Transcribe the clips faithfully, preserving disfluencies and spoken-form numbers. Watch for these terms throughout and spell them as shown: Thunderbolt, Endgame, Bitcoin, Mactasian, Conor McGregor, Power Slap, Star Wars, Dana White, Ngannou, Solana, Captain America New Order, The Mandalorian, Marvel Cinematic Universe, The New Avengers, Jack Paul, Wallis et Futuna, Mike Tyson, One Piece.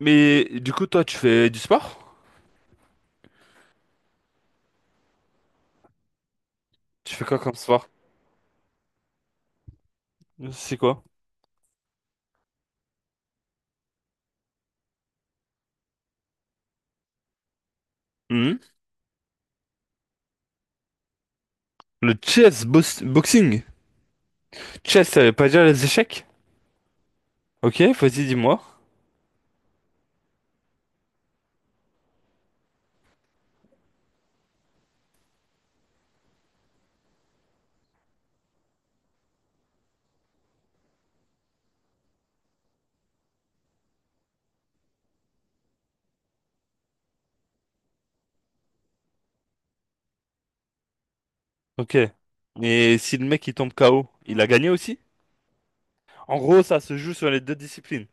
Mais du coup, toi, tu fais du sport? Tu fais quoi comme sport? C'est quoi? Mhm. Le chess bos- boxing. Chess, ça veut pas dire les échecs? Ok, vas-y, dis-moi. Ok. Mais si le mec il tombe K O, il a gagné aussi? En gros, ça se joue sur les deux disciplines.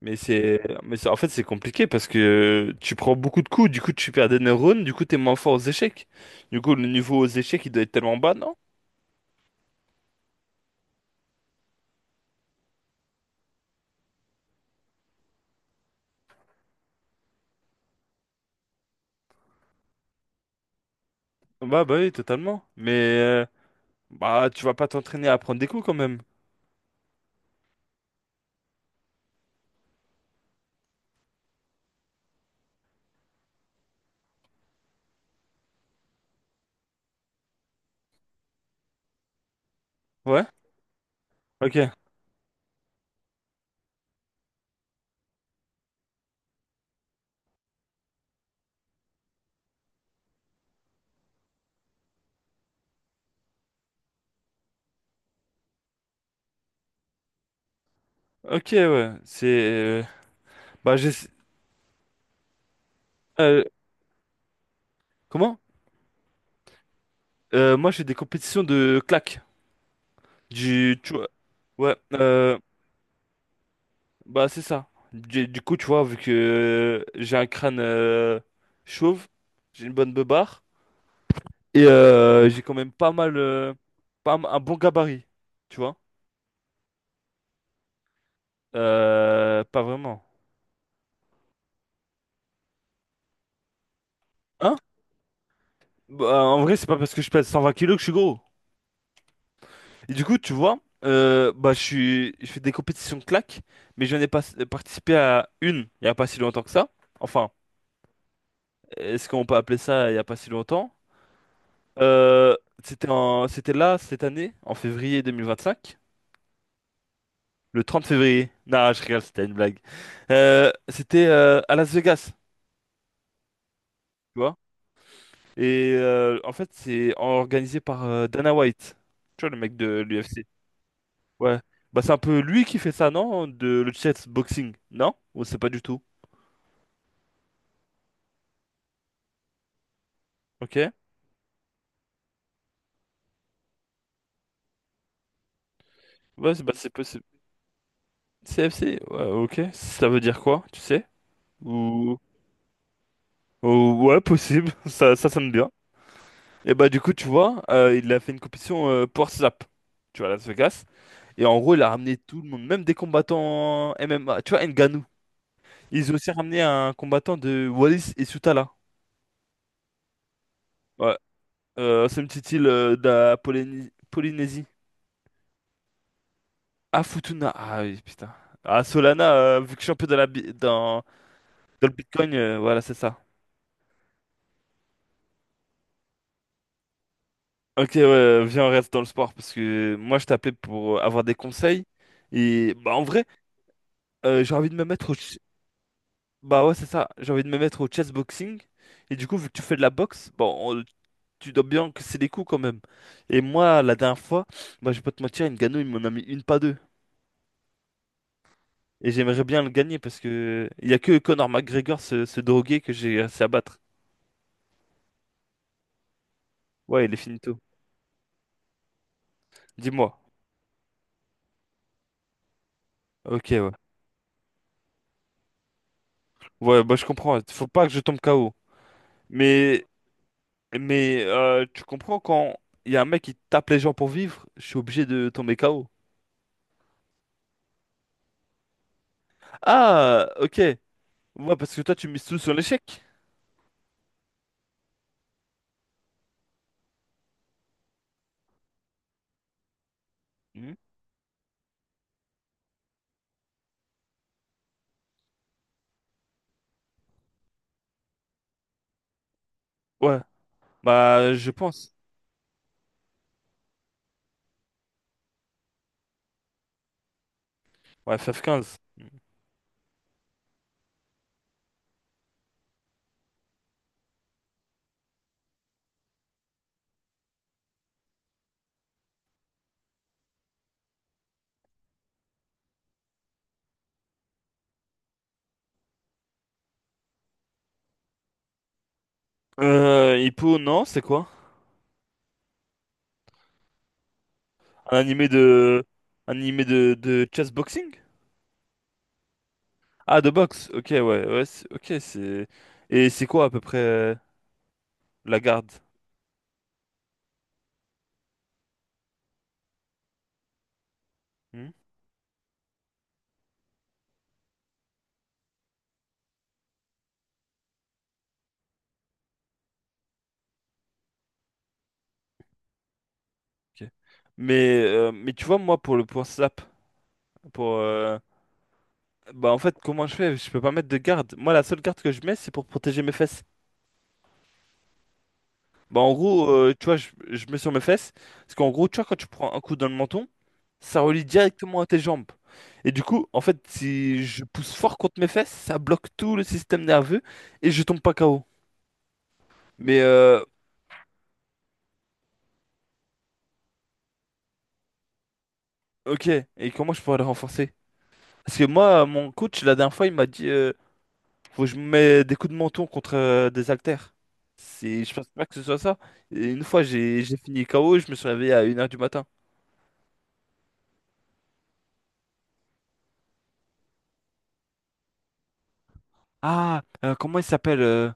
Mais c'est, mais c'est- en fait, c'est compliqué parce que tu prends beaucoup de coups, du coup, tu perds des neurones, du coup, t'es moins fort aux échecs. Du coup, le niveau aux échecs, il doit être tellement bas, non? Bah, bah oui, totalement. Mais, euh, bah, tu vas pas t'entraîner à prendre des coups quand même. Ouais? Ok. Ok, ouais. C'est. euh, Bah, j'ai. euh, comment? Euh, moi, j'ai des compétitions de claques. Du. Tu vois. Ouais. euh, Bah, c'est ça. Du, du coup, tu vois, vu que j'ai un crâne euh, chauve, j'ai une bonne beubare. Et euh, j'ai quand même pas mal. euh, pas un un bon gabarit. Tu vois? Euh, pas vraiment. Hein? Bah, en vrai, c'est pas parce que je pèse 120 kilos que je suis gros. Et du coup, tu vois, euh, bah, je suis, je fais des compétitions de claques, mais je n'ai pas participé à une il n'y a pas si longtemps que ça. Enfin, est-ce qu'on peut appeler ça il n'y a pas si longtemps? Euh, c'était en, c'était là, cette année, en février deux mille vingt-cinq, le trente février. Non, je rigole, c'était une blague. Euh, c'était euh, à Las Vegas, tu vois. Et euh, en fait, c'est organisé par euh, Dana White, tu vois, le mec de l'U F C. Ouais. Bah, c'est un peu lui qui fait ça, non? De le chess boxing, non? Ou c'est pas du tout? Ok. Ouais, c'est bah, c'est possible. C F C, ouais, ok. Ça veut dire quoi, tu sais? Ou... ou- ouais, possible. Ça, ça sonne bien. Et bah, du coup, tu vois, euh, il a fait une compétition euh, Power Slap, tu vois, à Las Vegas. Et en gros, il a ramené tout le monde, même des combattants M M A. Tu vois, Ngannou. Ils ont aussi ramené un combattant de Wallis et Sutala. Ouais, euh, c'est une petite île euh, de la Polyni- Polynésie. Ah, Futuna. Ah oui, putain. Ah, Solana, euh, vu que je suis un peu dans la, bi- dans, dans le Bitcoin, euh, voilà, c'est ça. Ok, ouais, viens, on reste dans le sport parce que moi je t'appelais pour euh, avoir des conseils et bah en vrai euh, j'ai envie de me mettre au ch- bah ouais, c'est ça, j'ai envie de me mettre au chess boxing et du coup vu que tu fais de la boxe bon on- tu dois bien que c'est des coups quand même et moi la dernière fois bah je vais pas te mentir, Ngannou il m'en a mis une pas deux et j'aimerais bien le gagner parce que il y a que Conor McGregor, ce, ce drogué que j'ai réussi à battre. Ouais, il est finito. Dis-moi. Ok, ouais, ouais, bah je comprends, faut pas que je tombe K O, mais... Mais euh, tu comprends quand il y a un mec qui tape les gens pour vivre, je suis obligé de tomber K O. Ah, ok. Ouais, parce que toi, tu mises tout sur l'échec. Mhm. Ouais, bah je pense. Ouais, f quinze. Euh, Hippo, non, c'est quoi? Un animé de... Un animé de, de chess boxing? Ah, de boxe. Ok, ouais, ouais, c'est- ok, c'est... Et c'est quoi à peu près euh, la garde? Hmm, ok. Mais, euh, mais tu vois, moi, pour le point slap, pour, euh, Bah en fait, comment je fais? Je peux pas mettre de garde. Moi, la seule garde que je mets, c'est pour protéger mes fesses. Bah en gros, euh, tu vois, je, je mets sur mes fesses. Parce qu'en gros, tu vois, quand tu prends un coup dans le menton, ça relie directement à tes jambes. Et du coup, en fait, si je pousse fort contre mes fesses, ça bloque tout le système nerveux et je tombe pas K O. Mais euh, ok, et comment je pourrais le renforcer? Parce que moi, mon coach, la dernière fois, il m'a dit... euh, Faut que je me mette des coups de menton contre euh, des haltères. C'est, je pense pas que ce soit ça. Et une fois, j'ai j'ai fini K O, je me suis réveillé à une heure du matin. Ah, euh, comment il s'appelle euh,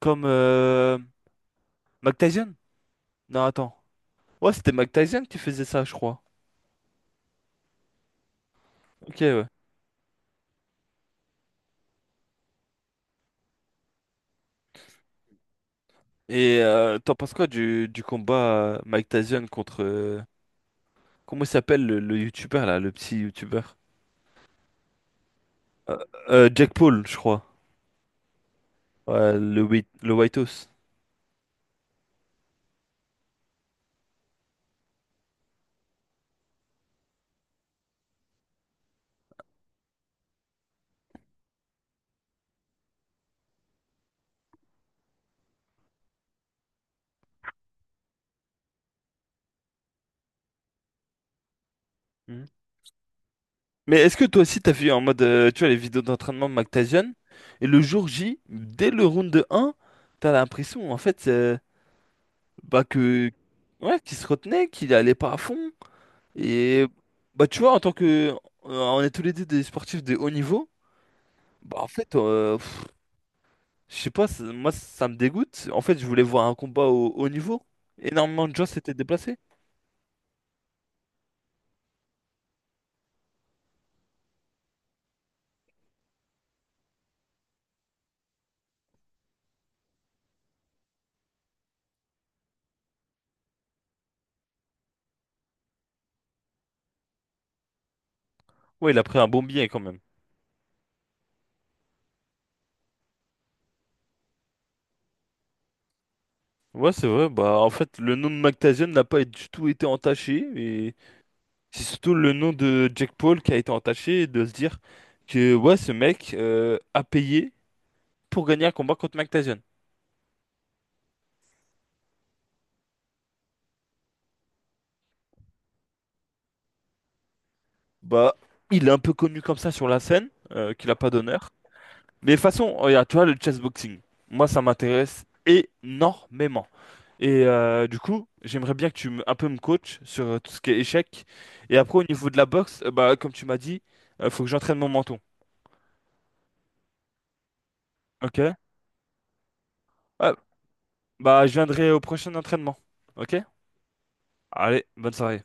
Comme euh, Mike Tyson? Non, attends. Ouais, c'était Mike Tyson qui faisait ça, je crois. Ok, ouais. Et euh, t'en penses quoi du, du combat euh, Mike Tyson contre... euh, comment il s'appelle le, le youtubeur, là, le petit youtubeur? Euh, euh, Jack Paul, je crois. Ouais, le, Whi- le White House. Mais est-ce que toi aussi t'as vu en mode, euh, tu vois, les vidéos d'entraînement de Mactasian, et le jour J, dès le round un, t'as l'impression en fait, euh, bah que ouais, qu'il se retenait, qu'il allait pas à fond. Et bah tu vois, en tant que euh, on est tous les deux des sportifs de haut niveau, bah en fait, euh, pff, je sais pas, ça- moi ça me dégoûte. En fait, je voulais voir un combat au haut niveau. Énormément de gens s'étaient déplacés. Ouais, il a pris un bon billet quand même. Ouais, c'est vrai, bah en fait, le nom de Mactasian n'a pas du tout été entaché. C'est surtout le nom de Jack Paul qui a été entaché et de se dire que ouais, ce mec euh, a payé pour gagner un combat contre Mike Tyson. Bah, il est un peu connu comme ça sur la scène, euh, qu'il a pas d'honneur. Mais de toute façon, regarde, tu vois, le chessboxing, moi ça m'intéresse énormément. Et euh, du coup, j'aimerais bien que tu me, un peu me coaches sur euh, tout ce qui est échec. Et après, au niveau de la boxe, euh, bah, comme tu m'as dit, euh, faut que j'entraîne mon menton. Ok? Ouais, bah, je viendrai au prochain entraînement. Ok? Allez, bonne soirée.